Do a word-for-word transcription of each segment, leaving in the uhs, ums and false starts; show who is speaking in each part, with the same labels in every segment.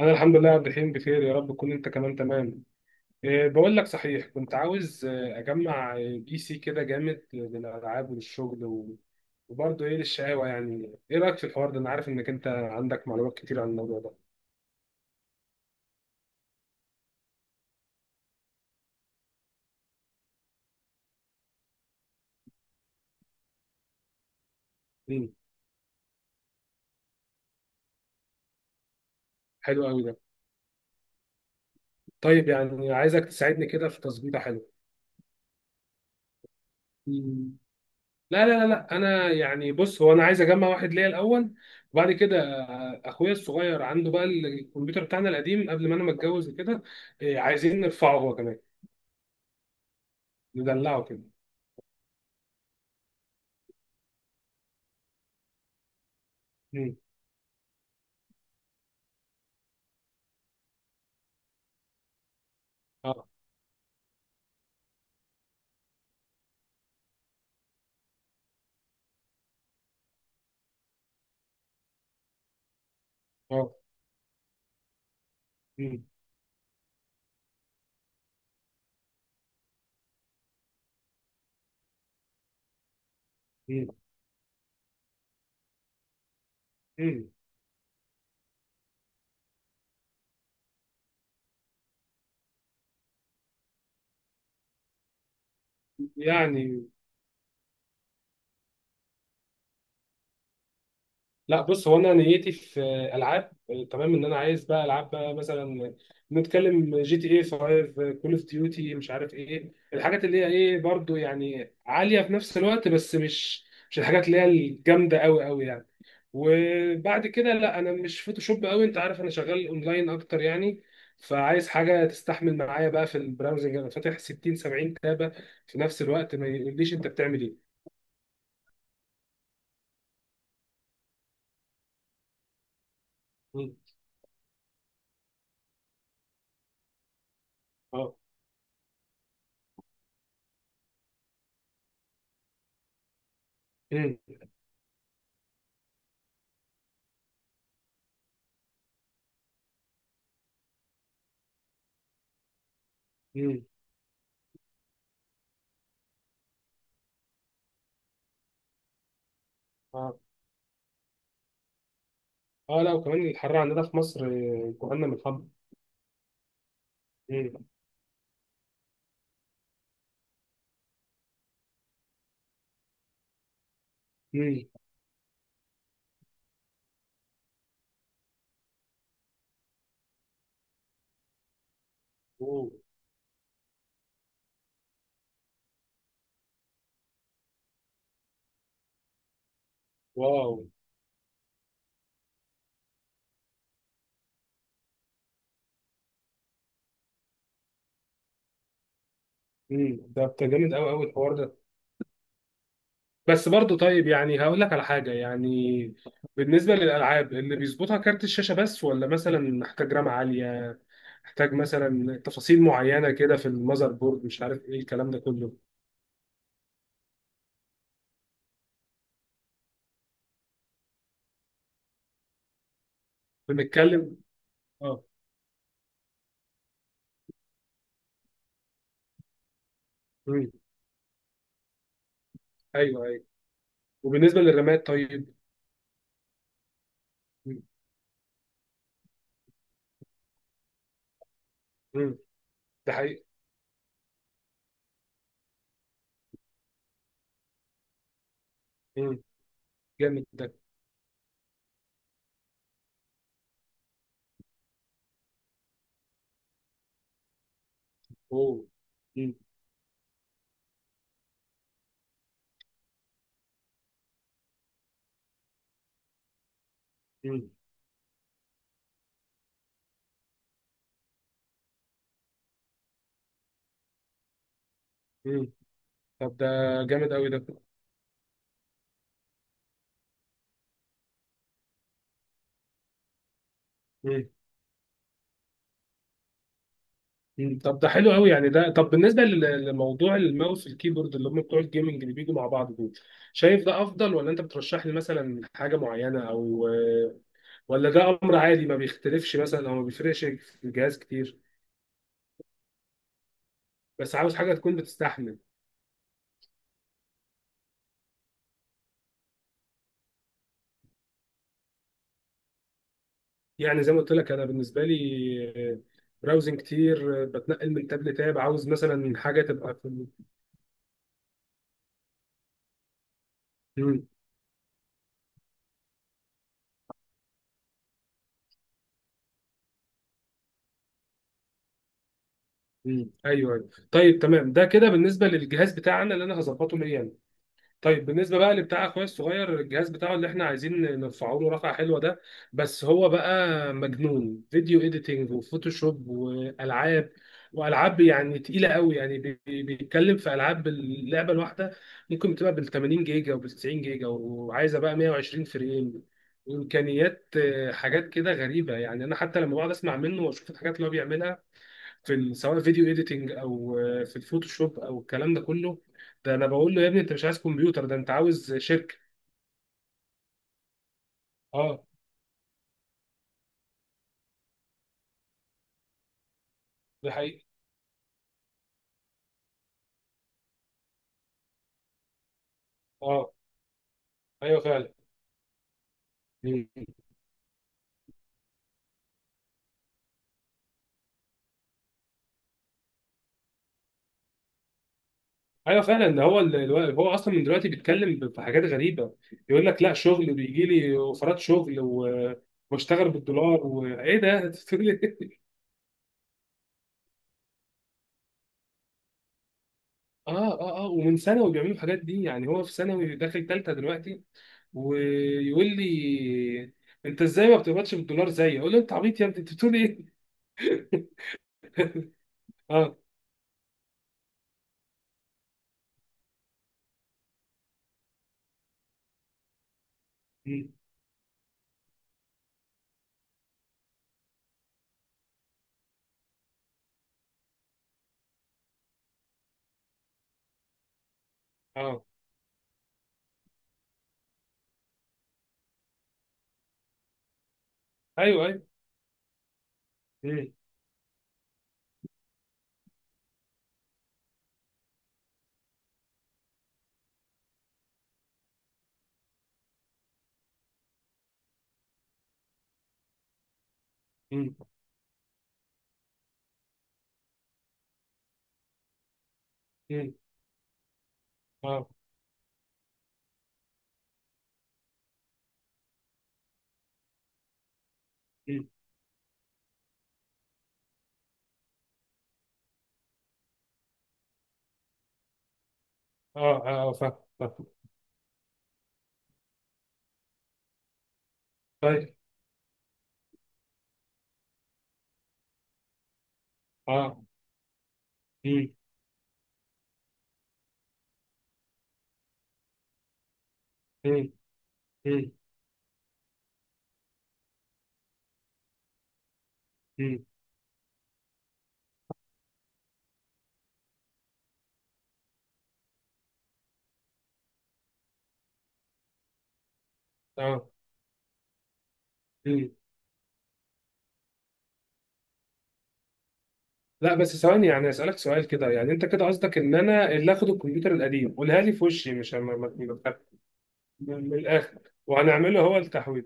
Speaker 1: انا الحمد لله يا عبد الرحيم، بخير. يا رب تكون انت كمان تمام. إيه، بقول لك صحيح كنت عاوز آه، اجمع بي سي كده جامد للالعاب وللشغل و- وبرضه ايه للشقاوه، يعني ايه رايك في الحوار ده؟ انا عارف انك انت عندك معلومات كتير عن الموضوع ده. مم. حلو قوي ده. طيب، يعني عايزك تساعدني كده في تظبيطه، حلوه. مم. لا لا لا لا، انا يعني بص، هو انا عايز اجمع واحد ليا الاول، وبعد كده آه، اخويا الصغير عنده بقى الكمبيوتر بتاعنا القديم قبل ما انا ما اتجوز كده. عايزين نرفعه هو كمان، ندلعه كده. مم. اه اه. مم. مم. مم. يعني لا، بص، هو انا نيتي في العاب. آه، تمام، ان انا عايز بقى العاب بقى، مثلا نتكلم جي تي اي خمسة، كول اوف ديوتي، مش عارف ايه الحاجات اللي هي ايه، برضو يعني عاليه في نفس الوقت، بس مش مش الحاجات اللي هي الجامده قوي قوي يعني. وبعد كده لا، انا مش فوتوشوب قوي، انت عارف انا شغال اونلاين اكتر يعني. فعايز حاجه تستحمل معايا بقى في البراوزنج، انا فاتح ستين سبعين تابه في نفس الوقت، ما يقوليش انت بتعمل ايه. مم. اه. مم. مم. اه اه، لا، وكمان الحر عندنا في مصر آه، جهنم الحر. مم. مم. أوه. واو. مم. ده بت- جامد قوي قوي الحوار ده. بس برضه، طيب يعني هقول لك على حاجة يعني، بالنسبة للألعاب اللي بيظبطها كارت الشاشة بس، ولا مثلا محتاج رام عالية، محتاج مثلا تفاصيل معينة كده في المذر بورد، مش عارف ايه الكلام ده كله. بنتكلم. اه. مم. ايوه ايوه. وبالنسبة للرامات طيب. مم. مم. ده حقيقي. مم. جامد ده. اوه. مم. مم. مم. طب ده جامد قوي ده. مم. مم. طب ده حلو قوي يعني. ده طب بالنسبه لل- لموضوع الماوس والكيبورد اللي هم بتوع الجيمنج اللي بيجوا مع بعض دول، شايف ده افضل؟ ولا انت بترشح لي مثلا حاجه معينه؟ او ولا ده امر عادي ما بيختلفش مثلا، او ما بيفرقش في الجهاز كتير؟ بس عاوز حاجه تكون بتستحمل. يعني زي ما قلت لك، انا بالنسبه لي براوزنج كتير، آه، بتنقل من تاب لتاب، عاوز مثلا حاجه تبقى في ال- مم. مم. ايوه أيوة. طيب تمام ده كده بالنسبه للجهاز بتاعنا اللي انا هظبطه ليا أنا. طيب بالنسبه بقى لبتاع اخويا الصغير، الجهاز بتاعه اللي احنا عايزين نرفعه له رقعه حلوه ده، بس هو بقى مجنون فيديو اديتنج وفوتوشوب والعاب. والعاب يعني تقيله قوي يعني، بي- بي- بيتكلم في العاب اللعبه الواحده ممكن بتبقى بال تمانين جيجا وبال تسعين جيجا، وعايزه بقى مية وعشرين فريم، وامكانيات آه، حاجات كده غريبه يعني. انا حتى لما بقعد اسمع منه واشوف الحاجات اللي هو بيعملها في ال- سواء فيديو اديتنج، او آه، في الفوتوشوب، او الكلام ده كله. ده انا بقول له يا ابني، انت مش عايز كمبيوتر، ده انت عاوز شركه. اه. ده حقيقي. اه. ايوه فعلا. مم. ايوه فعلا. ده هو ال- الو- هو اصلا من دلوقتي بيتكلم ب- في حاجات غريبه. يقول لك لا، شغل بيجي لي اوفرات شغل و... واشتغل بالدولار وايه ده. بتقول إيه؟ اه اه اه. ومن ثانوي بيعملوا الحاجات دي، يعني هو في ثانوي داخل ثالثه دلوقتي، ويقول لي انت ازاي ما بتقبضش بالدولار زيي؟ اقول له انت عبيط يا ابني، انت بتقول ايه. اه. مم. اه. ايوه ايوه. مم. مم. مم. اه. مم. اه اه. آه. فاهم. فاهم. طيب. اه. مم. مم. مم. مم. اه. مم. لا بس ثواني، يعني اسالك سؤال كده، يعني انت كده قصدك ان انا اللي اخد الكمبيوتر القديم؟ قولها لي في وشي، مش هم- ما- ما- ما- من الاخر، وهنعمله هو التحويل.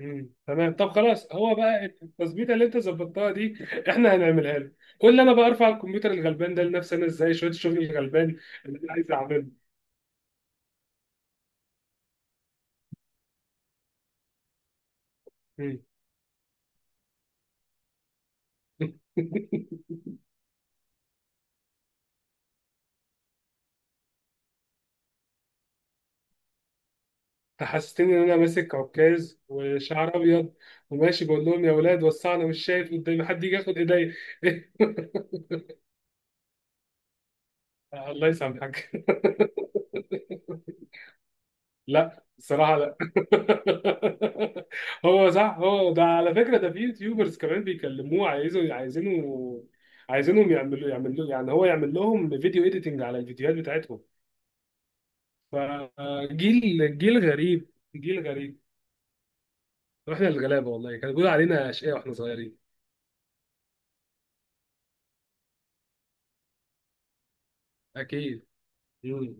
Speaker 1: مم. تمام، طب خلاص هو بقى التظبيطه اللي انت ظبطتها دي احنا هنعملها له. كل انا بقى ارفع الكمبيوتر الغلبان ده لنفسي انا ازاي؟ شويه الشغل الغلبان اللي انا عايز اعمله. تحسستني ان انا ماسك عكاز وشعر ابيض، وماشي بقول لهم يا ولاد وسعنا، مش شايف قدامي حد يجي ياخد ايديا. الله يسامحك. لا، الصراحه لا. هو صح، هو ده على فكره، ده في يوتيوبرز كمان بيكلموه، عايزوا عايزينه، عايزينهم يعملوا يعملوا يعني هو يعمل لهم فيديو اديتنج على الفيديوهات بتاعتهم. فجيل، جيل غريب. جيل غريب. واحنا الغلابه والله كانوا بيقولوا علينا اشقياء واحنا صغيرين. أكيد. مم.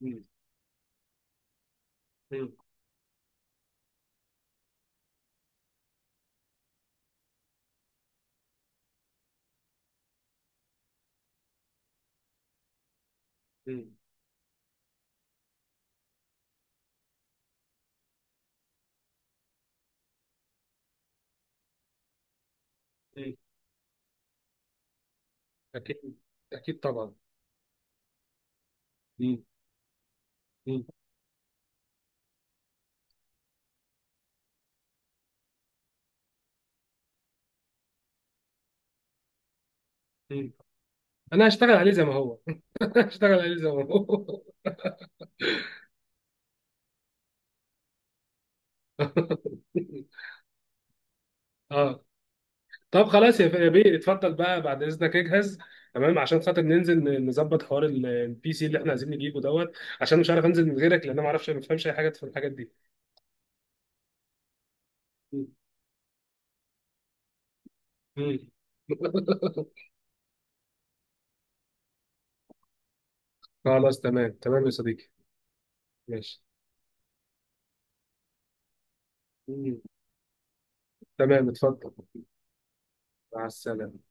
Speaker 1: مم. مم. مم. مم. أكيد أكيد طبعا. مم. مم. مم. أنا هشتغل عليه زي ما هو. أنا هشتغل عليه زي ما هو. أه. طب خلاص يا يا بيه، اتفضل بقى بعد إذنك اجهز. تمام عشان خاطر ننزل ن- نظبط حوار ال- البي سي اللي إحنا عايزين نجيبه دوت، عشان مش عارف أنزل من غيرك، لأن أنا ما أعرفش، ما بفهمش أي حاجة في الحاجات دي. مم. مم. خلاص، تمام تمام يا صديقي. ماشي. مم. تمام، اتفضل. مع السلامة.